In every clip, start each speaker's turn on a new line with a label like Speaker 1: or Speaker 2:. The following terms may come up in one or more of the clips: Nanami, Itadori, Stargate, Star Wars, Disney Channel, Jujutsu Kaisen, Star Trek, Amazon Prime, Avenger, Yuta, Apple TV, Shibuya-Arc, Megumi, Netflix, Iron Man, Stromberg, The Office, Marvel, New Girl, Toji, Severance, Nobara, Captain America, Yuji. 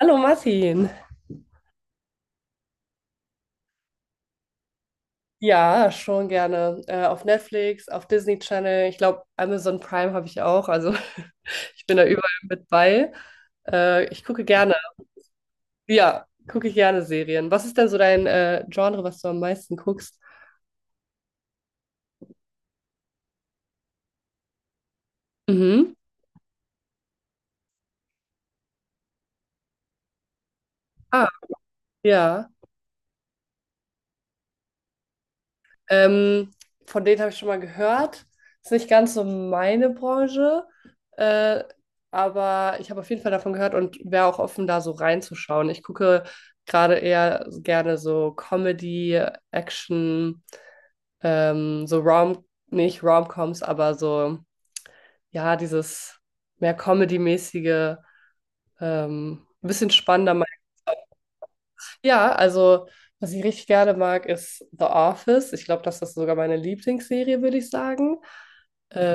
Speaker 1: Hallo Martin. Ja, schon gerne. Auf Netflix, auf Disney Channel. Ich glaube, Amazon Prime habe ich auch. Also ich bin da überall mit bei. Ich gucke gerne. Ja, gucke ich gerne Serien. Was ist denn so dein Genre, was du am meisten guckst? Mhm. Ah, ja. Ähm, von denen habe ich schon mal gehört. Ist nicht ganz so meine Branche, äh, aber ich habe auf jeden Fall davon gehört und wäre auch offen, da so reinzuschauen. Ich gucke gerade eher gerne so Comedy, Action, so Rom, nicht Romcoms, aber so, ja, dieses mehr Comedy-mäßige, ein bisschen spannender. Ja, also was ich richtig gerne mag, ist The Office. Ich glaube, das ist sogar meine Lieblingsserie, würde ich sagen. Äh,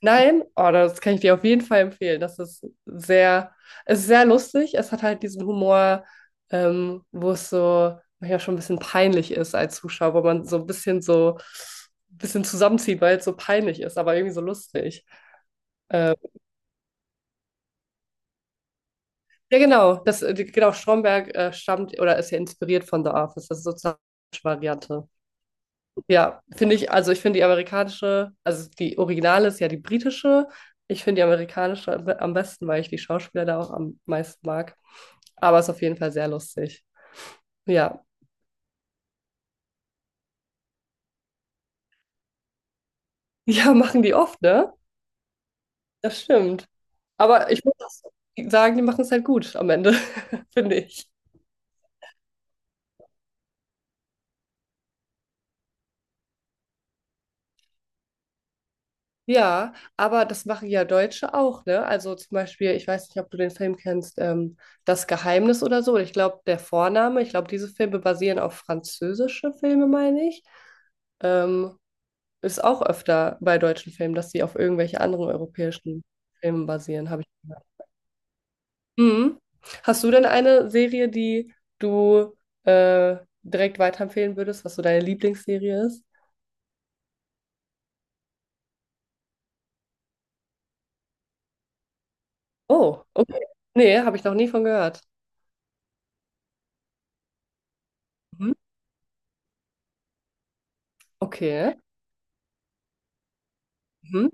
Speaker 1: nein, oh, das kann ich dir auf jeden Fall empfehlen. Es ist sehr lustig. Es hat halt diesen Humor, wo es so manchmal schon ein bisschen peinlich ist als Zuschauer, wo man so ein bisschen zusammenzieht, weil es so peinlich ist, aber irgendwie so lustig. Äh, ja, genau. Stromberg stammt oder ist ja inspiriert von The Office. Das ist sozusagen die Variante. Ja, finde ich, also ich finde die amerikanische, also die originale ist ja die britische. Ich finde die amerikanische am besten, weil ich die Schauspieler da auch am meisten mag. Aber es ist auf jeden Fall sehr lustig. Ja. Ja, machen die oft, ne? Das stimmt. Aber ich muss sagen, die machen es halt gut am Ende, finde ich. Ja, aber das machen ja Deutsche auch, ne? Also zum Beispiel, ich weiß nicht, ob du den Film kennst, Das Geheimnis oder so. Ich glaube, der Vorname, ich glaube, diese Filme basieren auf französische Filme, meine ich. Ähm, ist auch öfter bei deutschen Filmen, dass sie auf irgendwelche anderen europäischen Filmen basieren, habe ich gehört. Mhm. Hast du denn eine Serie, die du äh, direkt weiterempfehlen würdest, was so deine Lieblingsserie ist? Oh, okay. Nee, habe ich noch nie von gehört. Mhm. Okay. Mhm.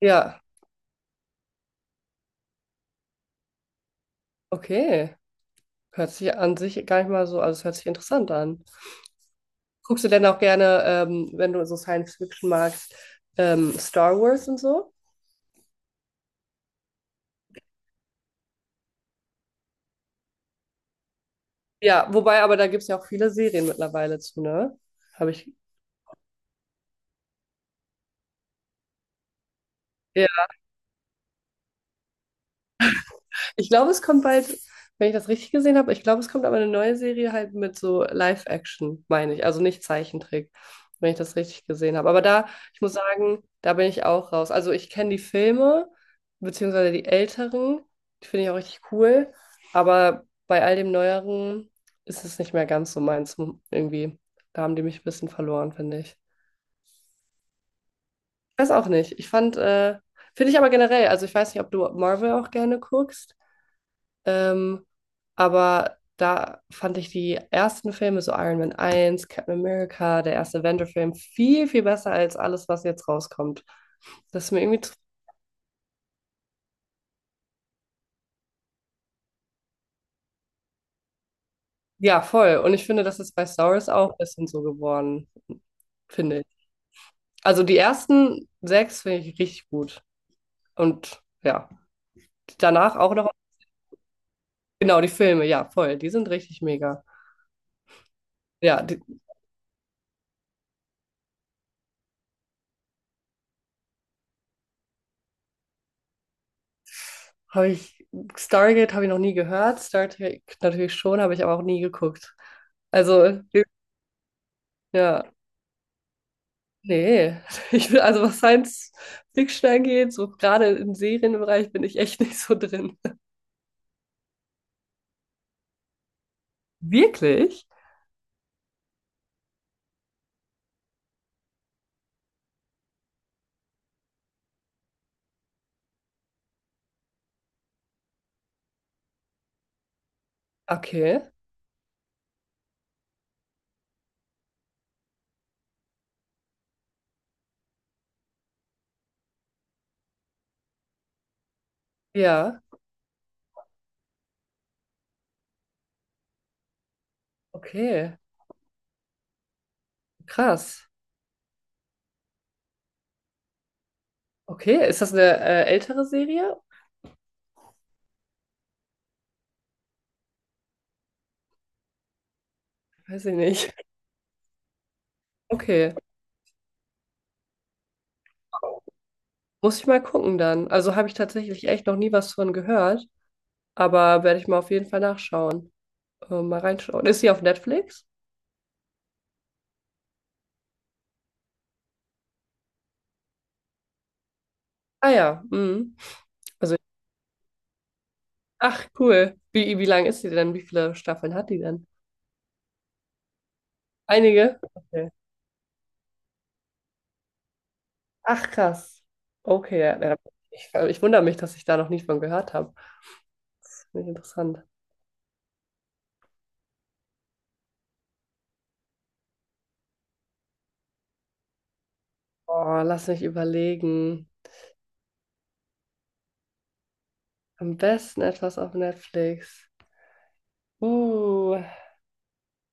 Speaker 1: Ja, okay. Hört sich an sich gar nicht mal so, also es hört sich interessant an. Guckst du denn auch gerne, wenn du so Science Fiction magst, Star Wars und so? Ja, wobei, aber da gibt es ja auch viele Serien mittlerweile zu, ne? Habe ich. Ich glaube, es kommt bald, wenn ich das richtig gesehen habe, ich glaube, es kommt aber eine neue Serie halt mit so Live-Action, meine ich. Also nicht Zeichentrick, wenn ich das richtig gesehen habe. Aber da, ich muss sagen, da bin ich auch raus. Also ich kenne die Filme, beziehungsweise die älteren, die finde ich auch richtig cool. Aber bei all dem Neueren ist es nicht mehr ganz so meins irgendwie. Da haben die mich ein bisschen verloren, finde ich. Weiß auch nicht. Finde ich aber generell, also ich weiß nicht, ob du Marvel auch gerne guckst. Ähm, aber da fand ich die ersten Filme, so Iron Man eins, Captain America, der erste Avenger-Film, viel, viel besser als alles, was jetzt rauskommt. Das ist mir irgendwie, zu- ja, voll. Und ich finde, das ist bei Star Wars auch ein bisschen so geworden, finde ich. Also die ersten sechs finde ich richtig gut. Und ja, danach auch noch, genau, die Filme, ja, voll. Die sind richtig mega. Ja, die, Habe ich, Stargate habe ich noch nie gehört, Star Trek natürlich schon, habe ich aber auch nie geguckt. Also, ja, nee. Ich bin, also was Science Fiction angeht, so gerade im Serienbereich bin ich echt nicht so drin. Wirklich? Okay. Ja, okay. Krass. Okay, ist das eine ältere Serie? Weiß ich nicht. Okay, muss ich mal gucken dann. Also habe ich tatsächlich echt noch nie was von gehört, aber werde ich mal auf jeden Fall nachschauen. Mal reinschauen. Ist sie auf Netflix? Ah ja, mhm. Also, ach cool. Wie lang ist die denn? Wie viele Staffeln hat die denn? Einige? Okay. Ach krass. Okay, ja. ja. Ich wundere mich, dass ich da noch nicht von gehört habe. Das finde ich interessant. Oh, lass mich überlegen. Am besten etwas auf Netflix. Uh,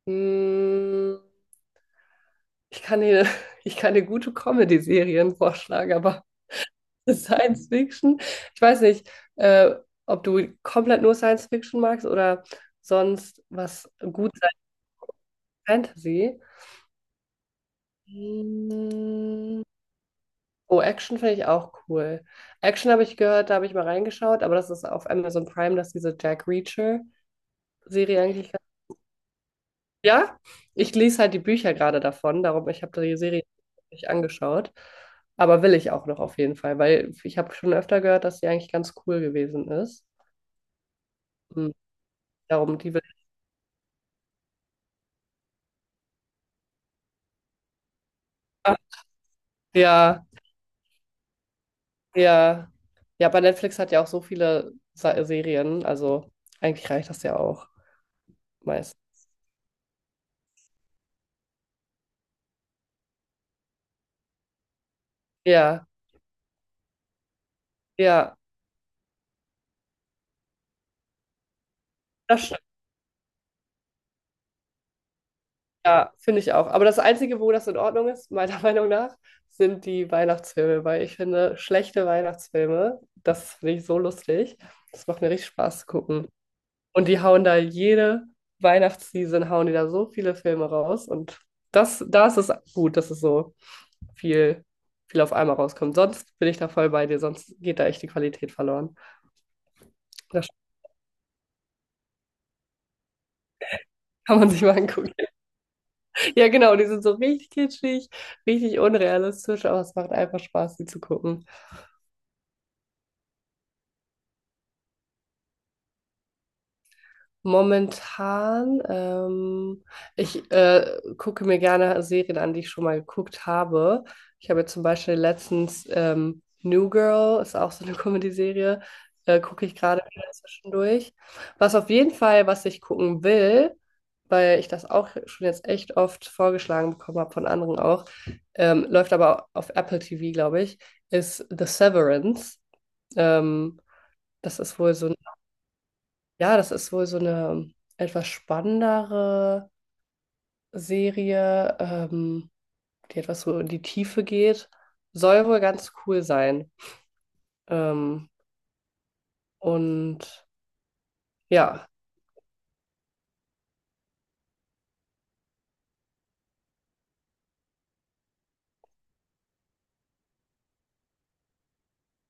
Speaker 1: mh, ich kann dir, ich kann dir gute Comedy-Serien vorschlagen, aber Science Fiction. Ich weiß nicht, äh, ob du komplett nur Science Fiction magst oder sonst was gut sein. Fantasy. Hm. Oh, Action finde ich auch cool. Action habe ich gehört, da habe ich mal reingeschaut, aber das ist auf Amazon Prime, dass diese Jack Reacher-Serie eigentlich. Ja, ich lese halt die Bücher gerade davon, darum, ich habe die Serie nicht angeschaut. Aber will ich auch noch auf jeden Fall, weil ich habe schon öfter gehört, dass die eigentlich ganz cool gewesen ist. Hm, Darum, die will. Ja, ja. Ja, aber Netflix hat ja auch so viele Sa Serien, also eigentlich reicht das ja auch meist. Ja, ja, das stimmt. Ja, finde ich auch. Aber das Einzige, wo das in Ordnung ist, meiner Meinung nach, sind die Weihnachtsfilme, weil ich finde, schlechte Weihnachtsfilme, das finde ich so lustig. Das macht mir richtig Spaß zu gucken. Und die hauen da jede Weihnachtsseason, hauen die da so viele Filme raus. Und das, da ist es gut, dass es so viel, viel auf einmal rauskommt. Sonst bin ich da voll bei dir, sonst geht da echt die Qualität verloren. Das kann man sich mal angucken. Ja, genau, die sind so richtig kitschig, richtig unrealistisch, aber es macht einfach Spaß, die zu gucken. Momentan, ich gucke mir gerne Serien an, die ich schon mal geguckt habe. Ich habe jetzt zum Beispiel letztens New Girl, ist auch so eine Comedy-Serie, gucke ich gerade wieder zwischendurch. Was auf jeden Fall, was ich gucken will, weil ich das auch schon jetzt echt oft vorgeschlagen bekommen habe von anderen auch, läuft aber auf Apple TV, glaube ich, ist The Severance. Ähm, das ist wohl so, ja, das ist wohl so eine etwas spannendere Serie, die etwas so in die Tiefe geht. Soll wohl ganz cool sein. Ähm, und ja,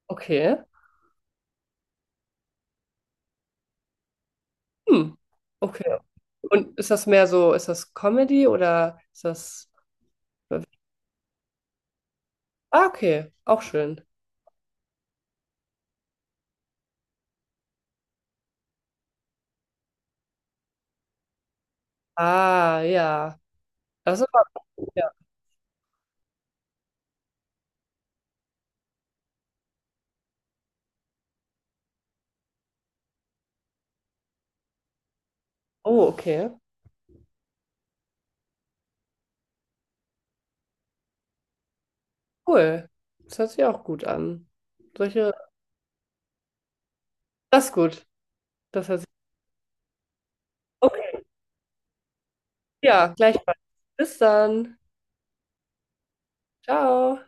Speaker 1: okay. Hm, okay. Und ist das mehr so, ist das Comedy oder ist das... Ah, okay, auch schön. Ah, ja. Das ist aber... Ja. Oh, okay. Cool. Das hört sich auch gut an. Solche... Das ist gut. Das hört sich... okay. Ja, gleichfalls. Bis dann. Ciao.